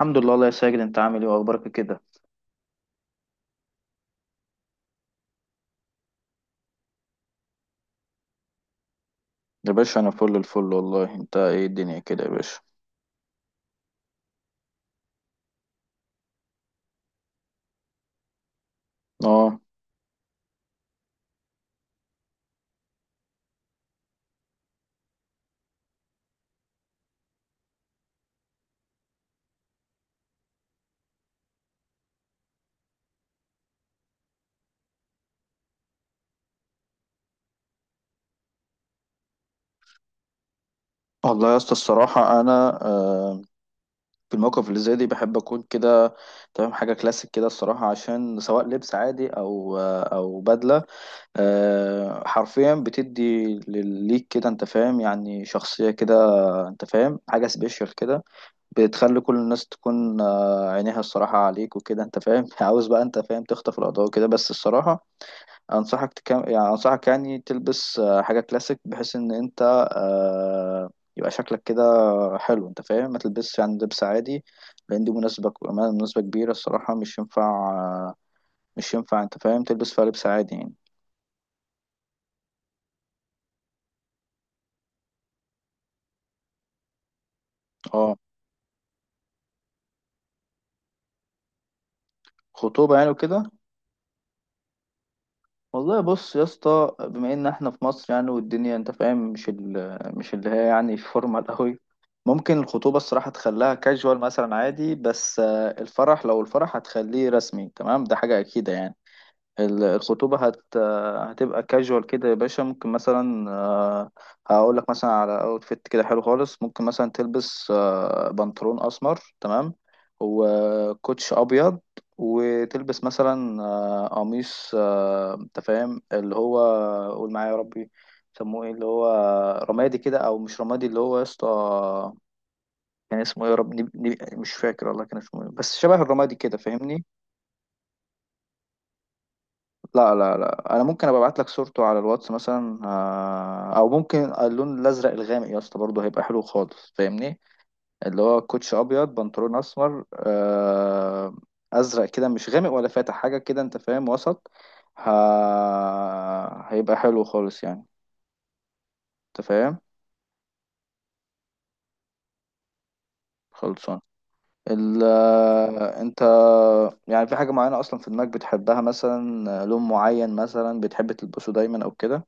الحمد لله الله يا ساجد، انت عامل ايه واخبارك كده؟ يا باشا انا فل الفل والله، انت ايه الدنيا كده يا باشا؟ اه، والله يا اسطى الصراحه انا في الموقف اللي زي دي بحب اكون كده تمام. حاجه كلاسيك كده الصراحه، عشان سواء لبس عادي او بدله، حرفيا بتدي ليك كده انت فاهم، يعني شخصيه كده، انت فاهم، حاجه سبيشال كده. بتخلي كل الناس تكون عينيها الصراحه عليك وكده انت فاهم عاوز بقى انت فاهم تخطف الاضواء كده، بس الصراحه انصحك يعني تلبس حاجه كلاسيك، بحيث ان انت آه، يبقى شكلك كده حلو. انت فاهم ما تلبسش يعني لبس عادي، لان دي مناسبه مناسبه كبيره الصراحه، مش ينفع انت فاهم تلبس فيها لبس عادي يعني. اه، خطوبه يعني وكده. والله بص يا اسطى، بما ان احنا في مصر يعني، والدنيا انت فاهم مش اللي هي يعني فورمال قوي. ممكن الخطوبة الصراحة تخليها كاجوال مثلا عادي، بس الفرح لو الفرح هتخليه رسمي تمام ده حاجة أكيدة يعني. الخطوبة هتبقى كاجوال كده يا باشا. ممكن مثلا هقول لك مثلا على اوتفيت كده حلو خالص، ممكن مثلا تلبس بنطلون أسمر تمام وكوتش أبيض، وتلبس مثلا قميص أنت فاهم اللي هو، قول معايا يا ربي، سموه ايه اللي هو رمادي كده او مش رمادي، اللي هو يا اسطى كان اسمه ايه يا رب، مش فاكر والله كان اسمه ايه، بس شبه الرمادي كده فاهمني. لا، لا، لا، انا ممكن ابقى ابعت لك صورته على الواتس مثلا، او ممكن اللون الازرق الغامق يا اسطى برضه هيبقى حلو خالص فاهمني. اللي هو كوتش ابيض، بنطلون اسمر، ازرق كده مش غامق ولا فاتح، حاجه كده انت فاهم وسط. ه- هيبقى حلو خالص يعني انت فاهم. خلصان. ال آه، انت يعني في حاجه معينه اصلا في دماغك بتحبها مثلا، لون معين مثلا بتحب تلبسه دايما او كده؟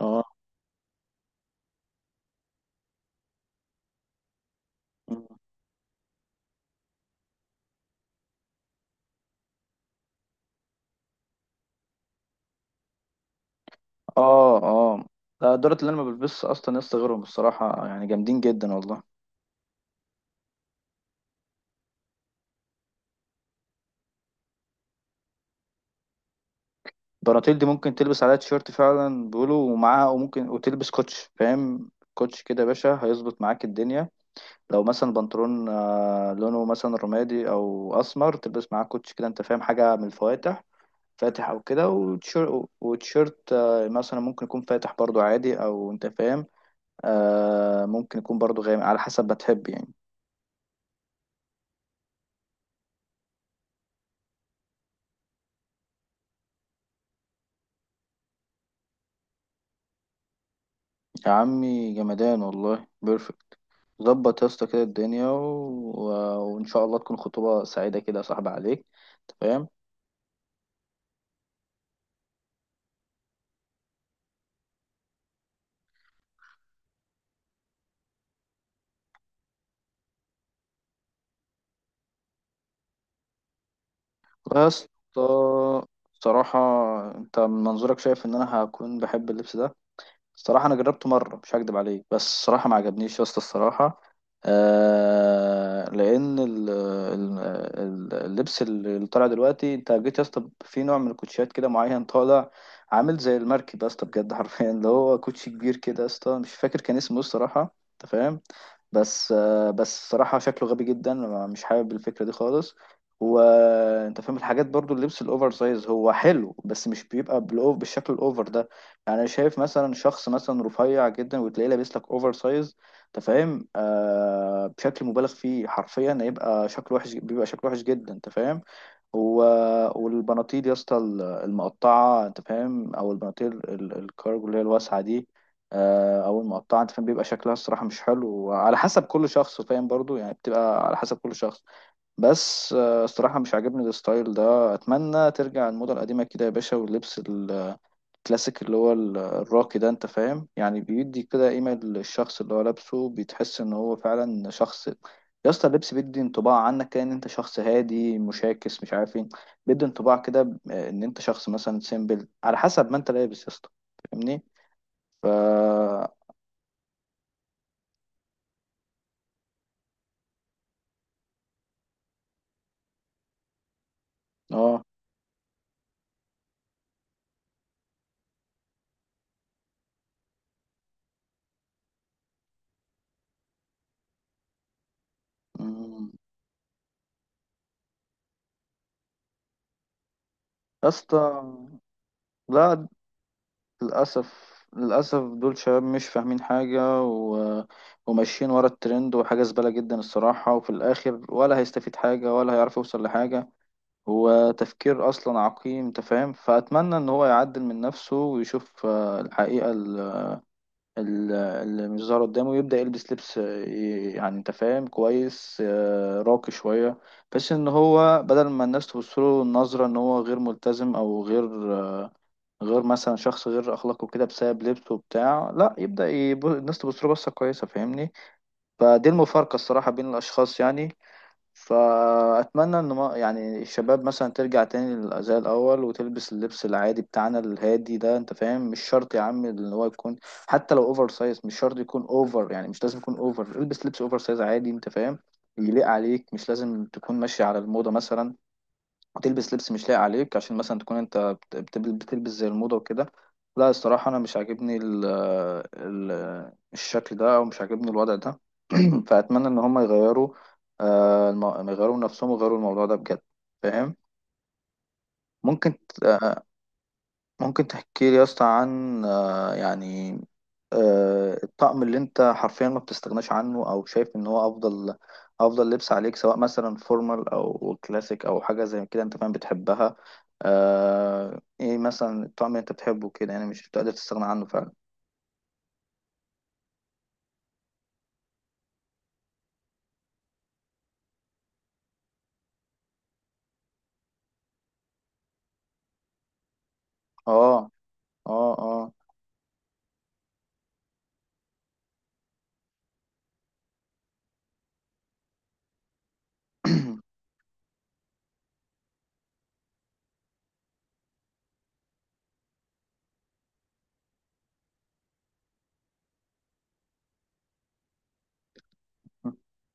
اه، اه، اه، ده الدرات اللي انا ما بلبسش اصلا يا اسطى غيرهم الصراحه، يعني جامدين جدا والله. البناطيل دي ممكن تلبس عليها تيشيرت فعلا بيقولوا، ومعاها وممكن وتلبس كوتش، فاهم كوتش كده يا باشا هيظبط معاك الدنيا. لو مثلا بنطلون لونه مثلا رمادي او اسمر، تلبس معاه كوتش كده انت فاهم، حاجه من الفواتح فاتح او كده، وتيشيرت مثلا ممكن يكون فاتح برضو عادي او انت فاهم، ممكن يكون برضو غامق على حسب ما تحب يعني. يا عمي جمدان والله بيرفكت، ظبط يا اسطى كده الدنيا وان شاء الله تكون خطوبه سعيده كده يا صاحبي عليك، أنت فاهم. يا اسطى بصراحه، انت من منظورك شايف ان انا هكون بحب اللبس ده؟ الصراحة أنا جربته مرة مش هكدب عليك، بس الصراحة ما عجبنيش يا اسطى الصراحة. لأن اللبس اللي طالع دلوقتي، أنت جيت يا اسطى في نوع من الكوتشيات كده معين طالع عامل زي المركب يا اسطى بجد حرفيا اللي هو كوتشي كبير كده يا اسطى مش فاكر كان اسمه إيه الصراحة أنت فاهم. بس الصراحة شكله غبي جدا، مش حابب الفكرة دي خالص. وانت فاهم الحاجات برضو، اللبس الاوفر سايز هو حلو، بس مش بيبقى بالشكل الاوفر ده. يعني أنا شايف مثلا شخص مثلا رفيع جدا وتلاقيه لابس لك اوفر سايز انت فاهم، بشكل مبالغ فيه، حرفيا هيبقى شكله وحش، بيبقى شكله وحش جدا انت فاهم هو. والبناطيل يا اسطى المقطعة انت فاهم، او البناطيل الكارجو اللي هي الواسعة دي، او المقطعة انت فاهم، بيبقى شكلها الصراحة مش حلو، وعلى حسب كل شخص فاهم برضو يعني، بتبقى على حسب كل شخص. بس الصراحة مش عاجبني الستايل ده، اتمنى ترجع الموضة القديمة كده يا باشا، واللبس الكلاسيك اللي هو الراقي ده انت فاهم، يعني بيدي كده قيمة للشخص اللي هو لابسه، بتحس ان هو فعلا شخص. يا اسطى اللبس بيدي انطباع عنك كده ان انت شخص هادي، مشاكس، مش عارف ايه، بيدي انطباع كده ان انت شخص مثلا سيمبل على حسب ما انت لابس يا اسطى، فاهمني. فا اه. مم. يا اسطى، لا، للأسف. للأسف دول شباب مش فاهمين حاجة، وماشيين ورا الترند، وحاجة زبالة جدا الصراحة، وفي الآخر ولا هيستفيد حاجة ولا هيعرف يوصل لحاجة. هو تفكير أصلا عقيم أنت فاهم، فأتمنى إن هو يعدل من نفسه ويشوف الحقيقة اللي مش ظاهرة قدامه، ويبدأ يلبس لبس يعني أنت فاهم كويس، راقي شوية، بحيث إن هو بدل ما الناس تبص له نظرة إن هو غير ملتزم، أو غير مثلا شخص غير اخلاقه كده بسبب لبسه وبتاع، لا يبدا الناس تبص له بصه كويسه فاهمني. فدي المفارقه الصراحه بين الاشخاص يعني. فاتمنى ان ما يعني الشباب مثلا ترجع تاني زي الاول وتلبس اللبس العادي بتاعنا الهادي ده انت فاهم. مش شرط يا عم ان هو يكون حتى لو اوفر سايز، مش شرط يكون اوفر يعني، مش لازم يكون اوفر. البس لبس اوفر سايز عادي انت فاهم، يليق عليك، مش لازم تكون ماشي على الموضه مثلا وتلبس لبس مش لايق عليك عشان مثلا تكون انت بتلبس زي الموضة وكده. لا، الصراحة انا مش عاجبني ال ال الشكل ده، او مش عاجبني الوضع ده. فاتمنى ان هم يغيروا من نفسهم، ويغيروا الموضوع ده بجد، فاهم؟ ممكن ممكن تحكي لي يا اسطى عن يعني الطقم اللي انت حرفيا ما بتستغناش عنه، او شايف ان هو افضل افضل لبس عليك، سواء مثلا فورمال او كلاسيك او حاجه زي كده انت فاهم بتحبها؟ ايه مثلا الطقم اللي انت بتحبه كده يعني مش بتقدر تستغنى عنه فعلا؟ اه، اه، اه.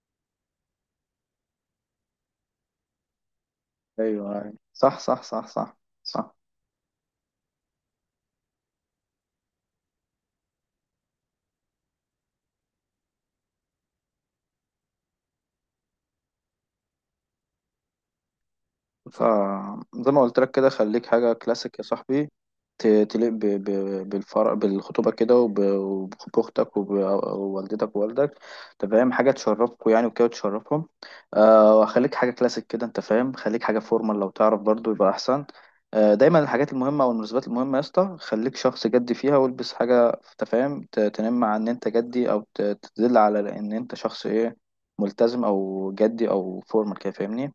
ايوه أيوة. صح، صح، صح، صح، صح. فزي ما قلت لك كده خليك حاجة كلاسيك يا صاحبي، تليق بالفرح بالخطوبة كده، وبأختك ووالدتك ووالدك. أنت فاهم حاجة تشرفكوا يعني وكده تشرفهم. وخليك حاجة كلاسيك كده أنت فاهم، خليك حاجة فورمال لو تعرف برضو يبقى أحسن. دايما الحاجات المهمة أو المناسبات المهمة يا اسطى، خليك شخص جدي فيها والبس حاجة أنت فاهم تنم عن إن أنت جدي، أو تدل على إن أنت شخص إيه، ملتزم أو جدي أو فورمال كده فاهمني.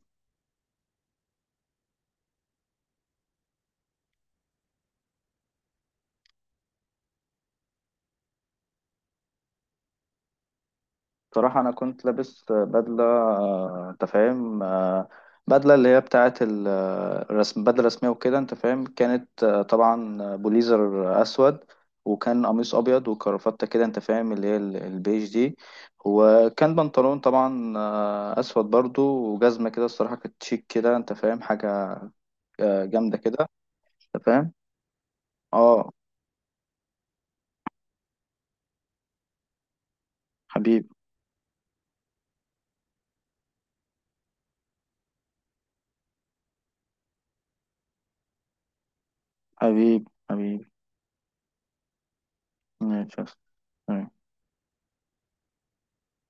صراحة أنا كنت لابس بدلة أنت فاهم، بدلة اللي هي بتاعة الرسم، بدلة رسمية وكده أنت فاهم. كانت طبعا بوليزر أسود، وكان قميص أبيض وكرافتة كده أنت فاهم اللي هي البيج دي، وكان بنطلون طبعا أسود برضو، وجزمة كده. الصراحة كانت شيك كده أنت فاهم، حاجة جامدة كده، أنت فاهم. اه، حبيب حبيب حبيب. ماشي.